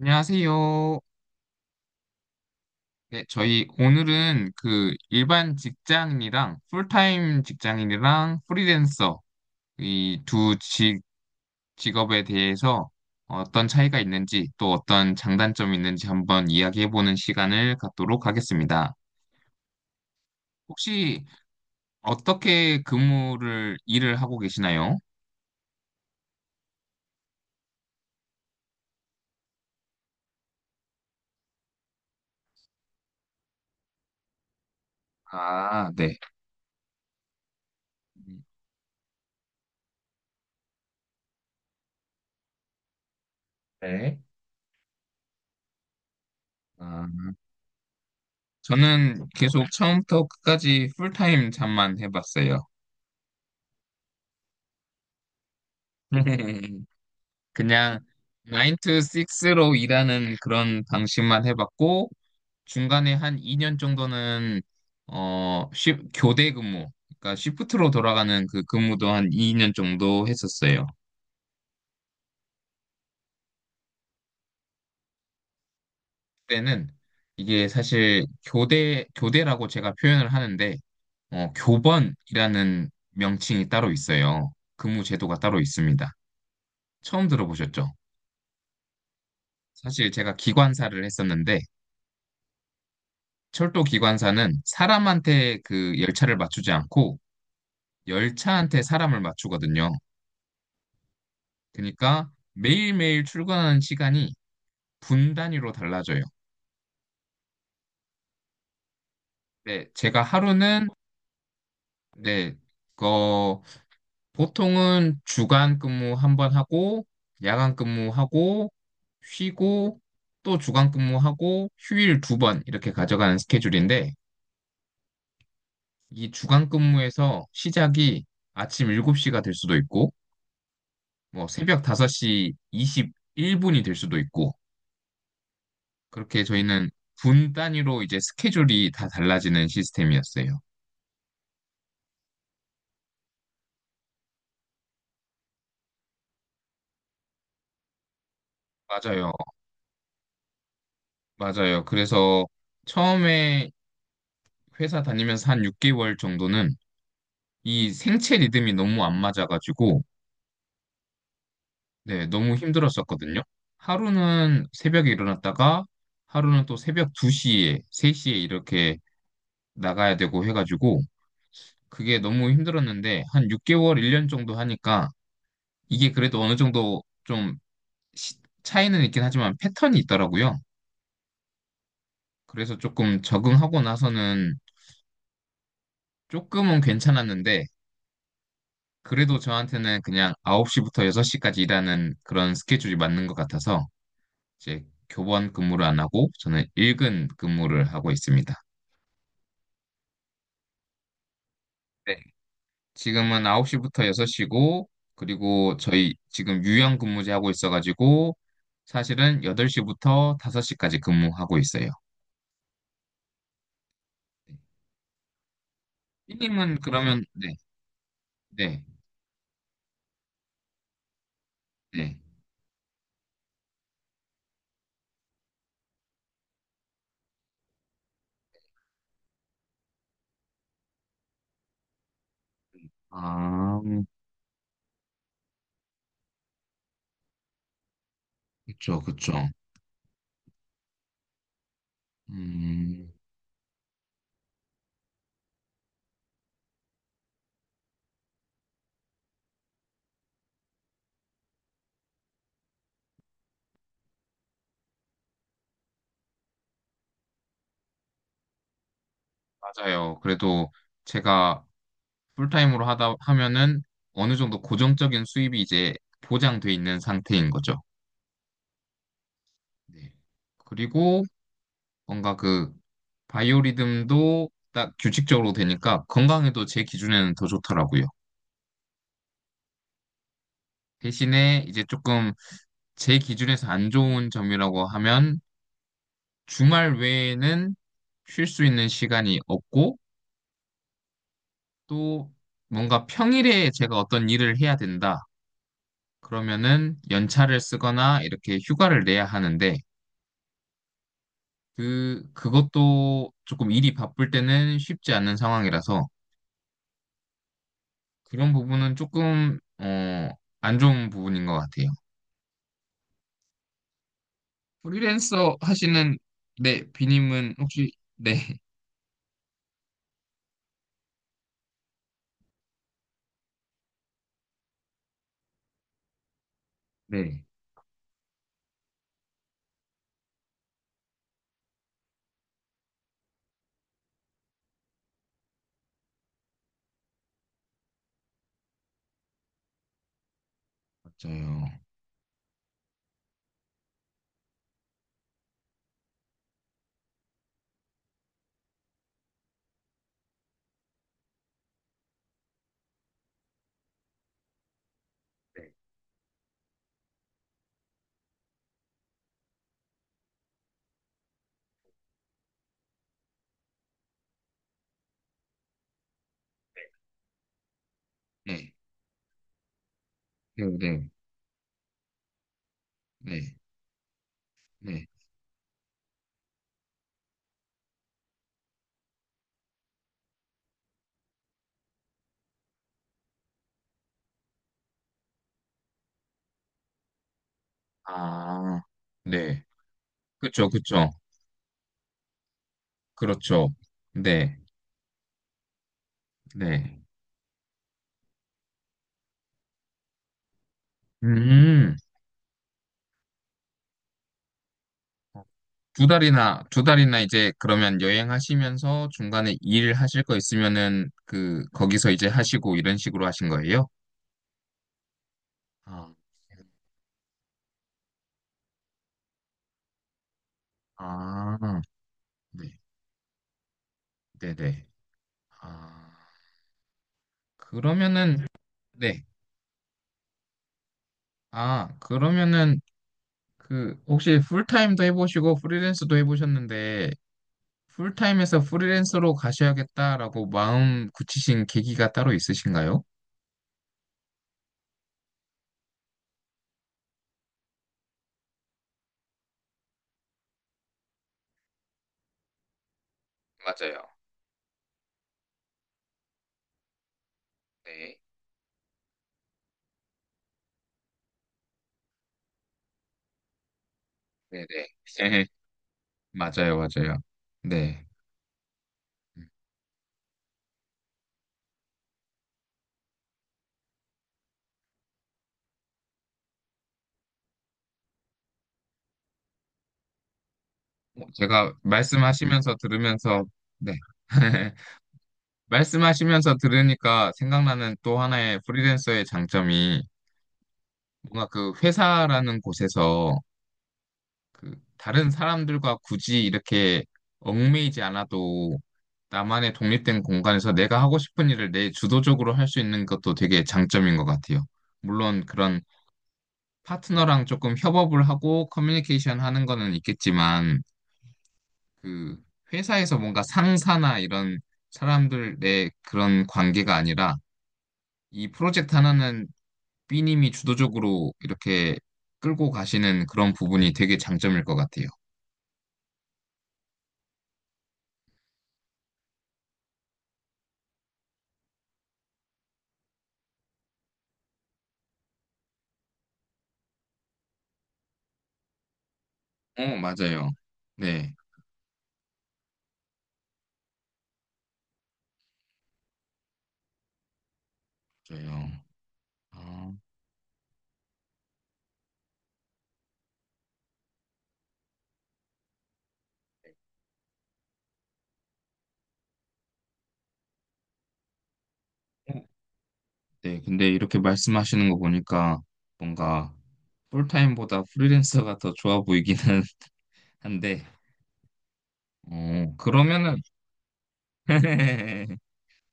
안녕하세요. 네, 저희 오늘은 그 일반 직장인이랑 풀타임 직장인이랑 프리랜서 이 두 직업에 대해서 어떤 차이가 있는지 또 어떤 장단점이 있는지 한번 이야기해보는 시간을 갖도록 하겠습니다. 혹시 어떻게 근무를 일을 하고 계시나요? 아, 네. 네. 아, 저는 계속 처음부터 끝까지 풀타임 잠만 해봤어요. 그냥 9 to 6로 일하는 그런 방식만 해봤고, 중간에 한 2년 정도는, 교대 근무, 그러니까 시프트로 돌아가는 그 근무도 한 2년 정도 했었어요. 그때는 이게 사실 교대라고 제가 표현을 하는데, 교번이라는 명칭이 따로 있어요. 근무 제도가 따로 있습니다. 처음 들어보셨죠? 사실 제가 기관사를 했었는데, 철도 기관사는 사람한테 그 열차를 맞추지 않고 열차한테 사람을 맞추거든요. 그러니까 매일매일 출근하는 시간이 분 단위로 달라져요. 네, 제가 하루는 네, 어, 보통은 주간 근무 한번 하고 야간 근무하고 쉬고 또 주간 근무하고 휴일 두 번 이렇게 가져가는 스케줄인데 이 주간 근무에서 시작이 아침 7시가 될 수도 있고 뭐 새벽 5시 21분이 될 수도 있고 그렇게 저희는 분 단위로 이제 스케줄이 다 달라지는 시스템이었어요. 맞아요. 맞아요. 그래서 처음에 회사 다니면서 한 6개월 정도는 이 생체 리듬이 너무 안 맞아가지고 네, 너무 힘들었었거든요. 하루는 새벽에 일어났다가 하루는 또 새벽 2시에, 3시에 이렇게 나가야 되고 해가지고 그게 너무 힘들었는데 한 6개월, 1년 정도 하니까 이게 그래도 어느 정도 좀 시- 차이는 있긴 하지만 패턴이 있더라고요. 그래서 조금 적응하고 나서는 조금은 괜찮았는데 그래도 저한테는 그냥 9시부터 6시까지 일하는 그런 스케줄이 맞는 것 같아서 이제 교번 근무를 안 하고 저는 일근 근무를 하고 있습니다. 네. 지금은 9시부터 6시고 그리고 저희 지금 유연 근무제 하고 있어가지고 사실은 8시부터 5시까지 근무하고 있어요. 삐님은 그러면 네. 네, 네. 아, 그쵸, 그쵸. 음, 맞아요. 그래도 제가 풀타임으로 하다 하면은 어느 정도 고정적인 수입이 이제 보장돼 있는 상태인 거죠. 네. 그리고 뭔가 그 바이오리듬도 딱 규칙적으로 되니까 건강에도 제 기준에는 더 좋더라고요. 대신에 이제 조금 제 기준에서 안 좋은 점이라고 하면 주말 외에는 쉴 수 있는 시간이 없고 또 뭔가 평일에 제가 어떤 일을 해야 된다. 그러면은 연차를 쓰거나 이렇게 휴가를 내야 하는데 그것도 조금 일이 바쁠 때는 쉽지 않은 상황이라서 그런 부분은 조금 안 좋은 부분인 것 같아요. 프리랜서 하시는 네, 비님은 혹시 네, 네, 맞아요. 네, 네, 네, 네, 네. 아, 네. 그쵸, 그쵸. 그렇죠. 네, 네. 음, 두 달이나, 두 달이나 이제 그러면 여행하시면서 중간에 일하실 거 있으면은 그, 거기서 이제 하시고 이런 식으로 하신 거예요? 아, 아, 네, 네네. 아, 그러면은, 네. 아, 그러면은 그, 혹시 풀타임도 해보시고 프리랜서도 해보셨는데, 풀타임에서 프리랜서로 가셔야겠다라고 마음 굳히신 계기가 따로 있으신가요? 맞아요. 네, 네네. 맞아요, 맞아요. 네. 제가 말씀하시면서 들으면서, 네. 말씀하시면서 들으니까 생각나는 또 하나의 프리랜서의 장점이 뭔가 그 회사라는 곳에서 그 다른 사람들과 굳이 이렇게 얽매이지 않아도 나만의 독립된 공간에서 내가 하고 싶은 일을 내 주도적으로 할 수 있는 것도 되게 장점인 것 같아요. 물론 그런 파트너랑 조금 협업을 하고 커뮤니케이션 하는 거는 있겠지만 그 회사에서 뭔가 상사나 이런 사람들의 그런 관계가 아니라 이 프로젝트 하나는 B님이 주도적으로 이렇게 끌고 가시는 그런 부분이 되게 장점일 것 같아요. 어, 맞아요. 네, 맞아요. 아, 네, 근데 이렇게 말씀하시는 거 보니까 뭔가 풀타임보다 프리랜서가 더 좋아 보이기는 한데, 그러면은,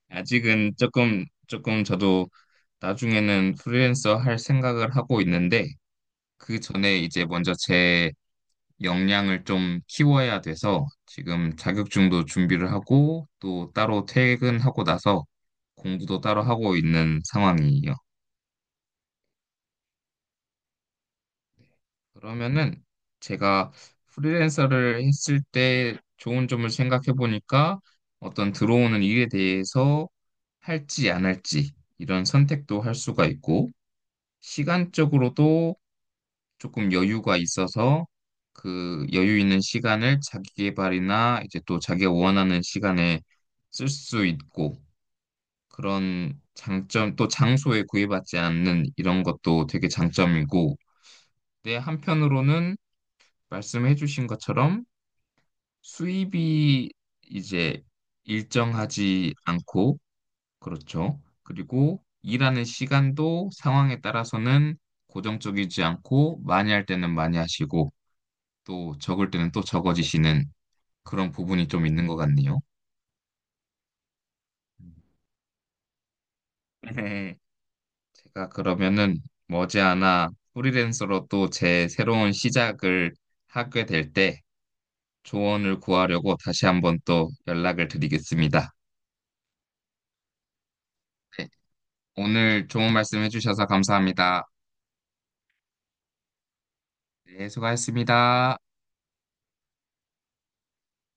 아직은 조금 저도 나중에는 프리랜서 할 생각을 하고 있는데, 그 전에 이제 먼저 제 역량을 좀 키워야 돼서 지금 자격증도 준비를 하고 또 따로 퇴근하고 나서 공부도 따로 하고 있는 상황이에요. 그러면은 제가 프리랜서를 했을 때 좋은 점을 생각해 보니까 어떤 들어오는 일에 대해서 할지 안 할지 이런 선택도 할 수가 있고, 시간적으로도 조금 여유가 있어서 그 여유 있는 시간을 자기 개발이나 이제 또 자기가 원하는 시간에 쓸 수 있고 그런 장점 또 장소에 구애받지 않는 이런 것도 되게 장점이고 근데 한편으로는 말씀해 주신 것처럼 수입이 이제 일정하지 않고 그렇죠. 그리고 일하는 시간도 상황에 따라서는 고정적이지 않고 많이 할 때는 많이 하시고 또 적을 때는 또 적어지시는 그런 부분이 좀 있는 것 같네요. 음. 네. 제가 그러면은 머지않아 프리랜서로 또 제 새로운 시작을 하게 될 때 조언을 구하려고 다시 한번 또 연락을 드리겠습니다. 네. 오늘 좋은 말씀 해주셔서 감사합니다. 네, 수고하셨습니다.